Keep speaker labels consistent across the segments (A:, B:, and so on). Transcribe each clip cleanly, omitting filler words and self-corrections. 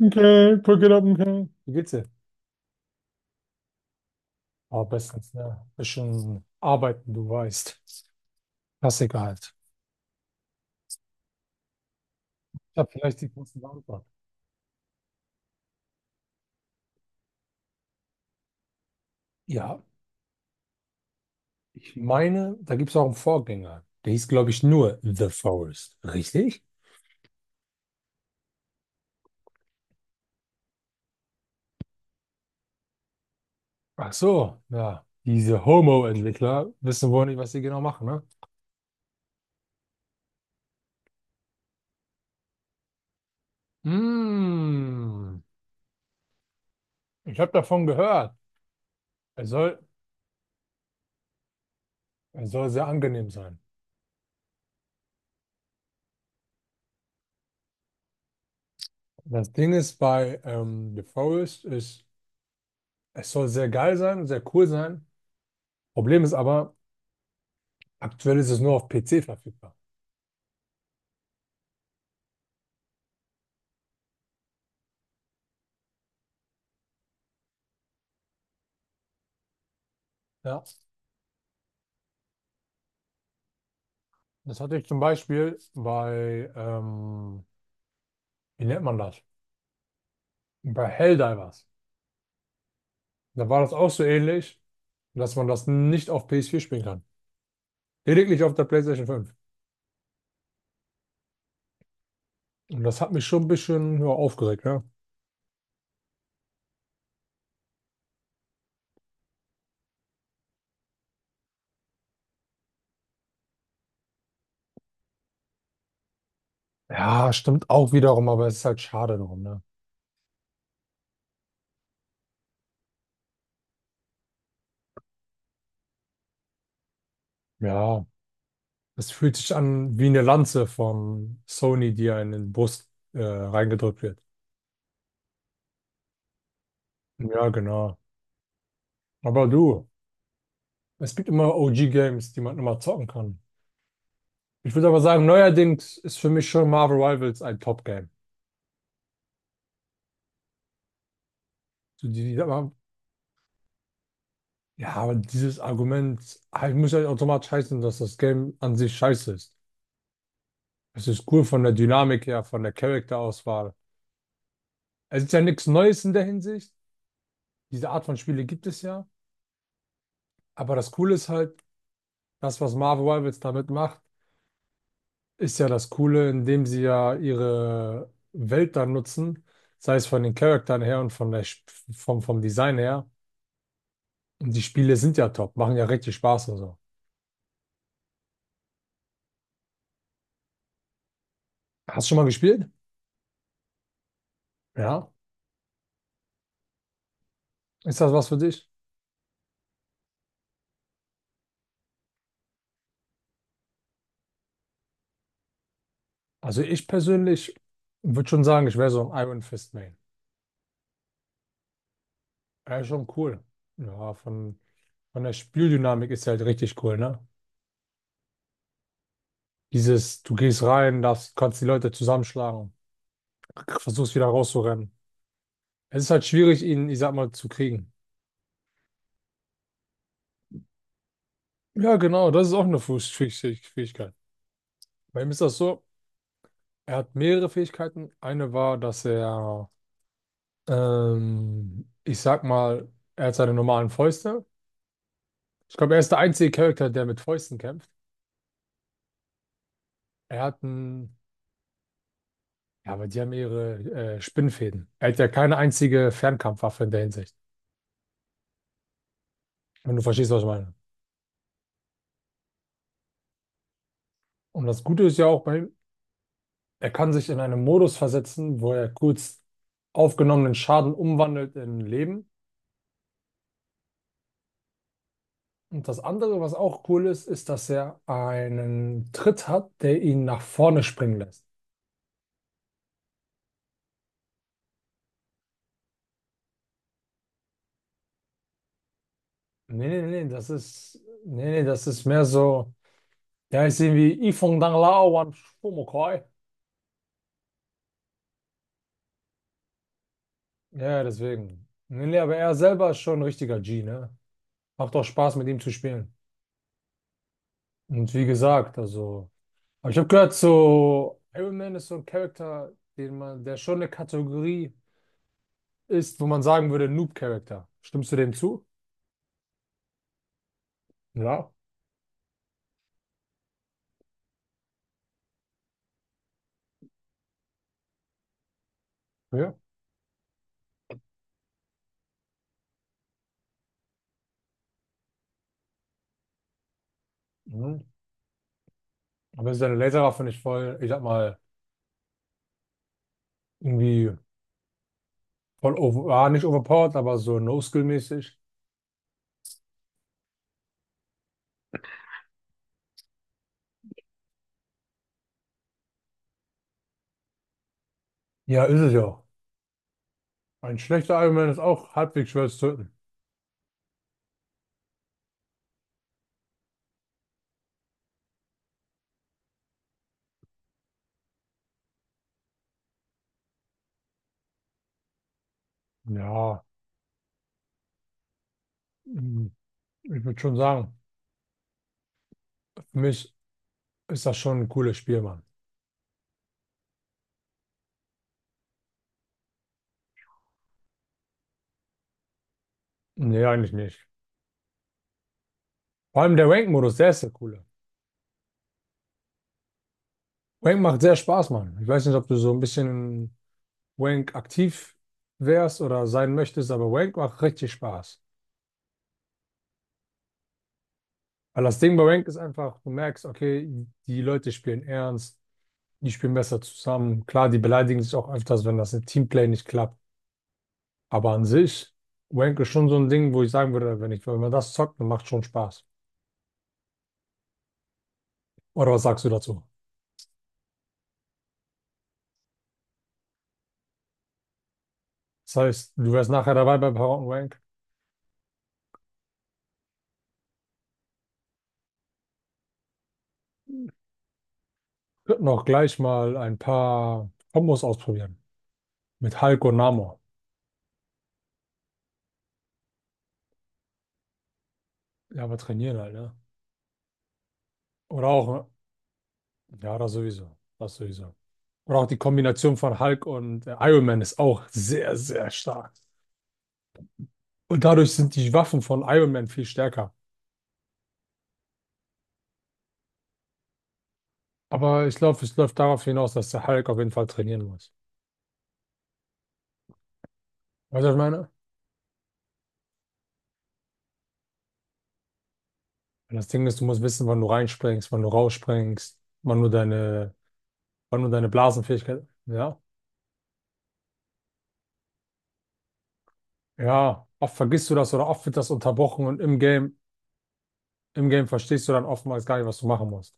A: Okay, Brücke ab, okay. Wie geht's dir? Aber bestens, ne? Bisschen arbeiten, du weißt. Klassiker halt. Ich habe vielleicht die kurze Antwort. Ja, ich meine, da gibt es auch einen Vorgänger. Der hieß, glaube ich, nur The Forest. Richtig? Ach so, ja. Diese Homo-Entwickler wissen wohl nicht, was sie genau machen, ne? Mm, ich habe davon gehört. Er soll, er soll sehr angenehm sein. Das Ding ist bei The Forest ist, es soll sehr geil sein und sehr cool sein. Problem ist aber, aktuell ist es nur auf PC verfügbar. Ja, das hatte ich zum Beispiel bei, wie nennt man das? Bei Helldivers. Da war das auch so ähnlich, dass man das nicht auf PS4 spielen kann. Lediglich auf der PlayStation 5. Und das hat mich schon ein bisschen ja, aufgeregt, ne? Ja, stimmt auch wiederum, aber es ist halt schade darum, ne? Ja, es fühlt sich an wie eine Lanze von Sony, die einem in die Brust reingedrückt wird. Ja, genau. Aber du. Es gibt immer OG-Games, die man immer zocken kann. Ich würde aber sagen, neuerdings ist für mich schon Marvel Rivals ein Top-Game. So die, die, aber- ja, aber dieses Argument ich muss ja nicht automatisch heißen, dass das Game an sich scheiße ist. Es ist cool von der Dynamik her, von der Charakterauswahl. Es ist ja nichts Neues in der Hinsicht. Diese Art von Spiele gibt es ja. Aber das Coole ist halt, das, was Marvel Rivals damit macht, ist ja das Coole, indem sie ja ihre Welt dann nutzen, sei es von den Charakteren her und von der, vom Design her. Und die Spiele sind ja top, machen ja richtig Spaß und so. Hast du schon mal gespielt? Ja. Ist das was für dich? Also ich persönlich würde schon sagen, ich wäre so ein Iron Fist Main. Ja, schon cool. Ja, von der Spieldynamik ist halt richtig cool, ne? Dieses, du gehst rein, darfst, kannst die Leute zusammenschlagen, versuchst wieder rauszurennen. Es ist halt schwierig, ihn, ich sag mal, zu kriegen. Ja, genau, das ist auch eine Fähigkeit. Bei ihm ist das so, er hat mehrere Fähigkeiten. Eine war, dass er, ich sag mal, er hat seine normalen Fäuste. Ich glaube, er ist der einzige Charakter, der mit Fäusten kämpft. Er hat einen, ja, aber die haben ihre Spinnfäden. Er hat ja keine einzige Fernkampfwaffe in der Hinsicht, wenn du verstehst, was ich meine. Und das Gute ist ja auch bei ihm, er kann sich in einen Modus versetzen, wo er kurz aufgenommenen Schaden umwandelt in Leben. Und das andere, was auch cool ist, ist, dass er einen Tritt hat, der ihn nach vorne springen lässt. Nee, nee, nee, das ist, nee, nee, das ist mehr so, ja, ich sehe wie Yifeng Danglao Wan Shomokoi. Ja, deswegen. Nee, nee, aber er selber ist schon ein richtiger G, ne? Macht auch Spaß, mit ihm zu spielen. Und wie gesagt, also, aber ich habe gehört, so Iron Man ist so ein Charakter, der schon eine Kategorie ist, wo man sagen würde, Noob-Charakter. Stimmst du dem zu? Ja. Ja. Aber seine Laserwaffe nicht voll, ich sag mal, irgendwie voll nicht overpowered, aber so No-Skill-mäßig. Ja, ist es ja. Ein schlechter Iron Man ist auch halbwegs schwer zu töten. Ja, mm, ich würde schon sagen, für mich ist das schon ein cooles Spiel, Mann. Nee, eigentlich nicht. Vor allem der Rank-Modus, der ist der coole. Rank macht sehr Spaß, Mann. Ich weiß nicht, ob du so ein bisschen in Rank aktiv wärst oder sein möchtest, aber Rank macht richtig Spaß. Weil das Ding bei Rank ist einfach, du merkst, okay, die Leute spielen ernst. Die spielen besser zusammen. Klar, die beleidigen sich auch öfters, wenn das im Teamplay nicht klappt. Aber an sich, Wank ist schon so ein Ding, wo ich sagen würde, wenn man das zockt, dann macht schon Spaß. Oder was sagst du dazu? Das heißt, du wärst nachher dabei bei Power und Wank. Könnten auch gleich mal ein paar Kombos ausprobieren. Mit Hulk und Namor. Ja, aber trainieren halt, ne? Oder auch, ja, das sowieso. Das sowieso. Oder auch die Kombination von Hulk und Iron Man ist auch sehr, sehr stark. Und dadurch sind die Waffen von Iron Man viel stärker. Aber ich glaube, es läuft darauf hinaus, dass der Hulk auf jeden Fall trainieren muss. Weißt du, was ich meine? Und das Ding ist, du musst wissen, wann du reinspringst, wann du rausspringst, wann du deine Blasenfähigkeit. Ja. Ja. Oft vergisst du das oder oft wird das unterbrochen und im Game verstehst du dann oftmals gar nicht, was du machen musst.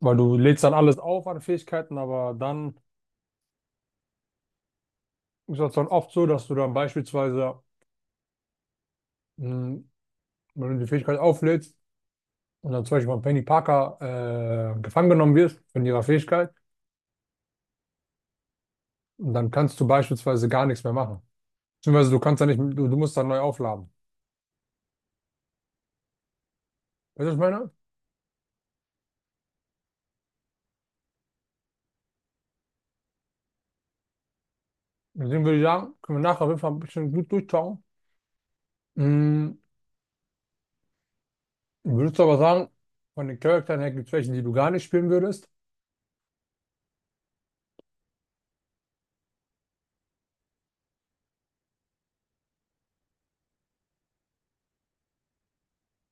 A: Weil du lädst dann alles auf an Fähigkeiten, aber dann ist das dann oft so, dass du dann beispielsweise, mh, wenn du die Fähigkeit auflädst und dann zum Beispiel von Penny Parker gefangen genommen wirst von ihrer Fähigkeit, und dann kannst du beispielsweise gar nichts mehr machen. Beziehungsweise du kannst da nicht, du musst dann neu aufladen. Weißt du, was ich meine? Deswegen würde ich sagen, können wir nachher auf jeden Fall ein bisschen gut durchschauen. Mm, würdest du aber sagen, von den Charakteren her gibt es welche, die du gar nicht spielen würdest?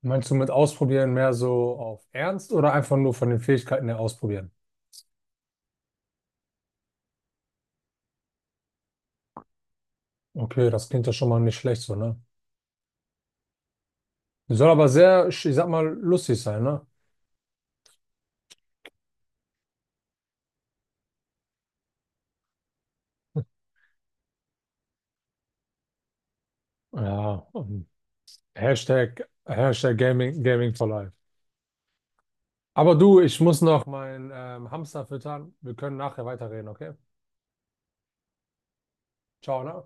A: Meinst du mit ausprobieren mehr so auf Ernst oder einfach nur von den Fähigkeiten her ausprobieren? Okay, das klingt ja schon mal nicht schlecht so, ne? Soll aber sehr, ich sag mal, lustig sein, ne? Ja, Hashtag, Hashtag Gaming, Gaming for Life. Aber du, ich muss noch meinen Hamster füttern. Wir können nachher weiterreden, okay? Ciao, ne?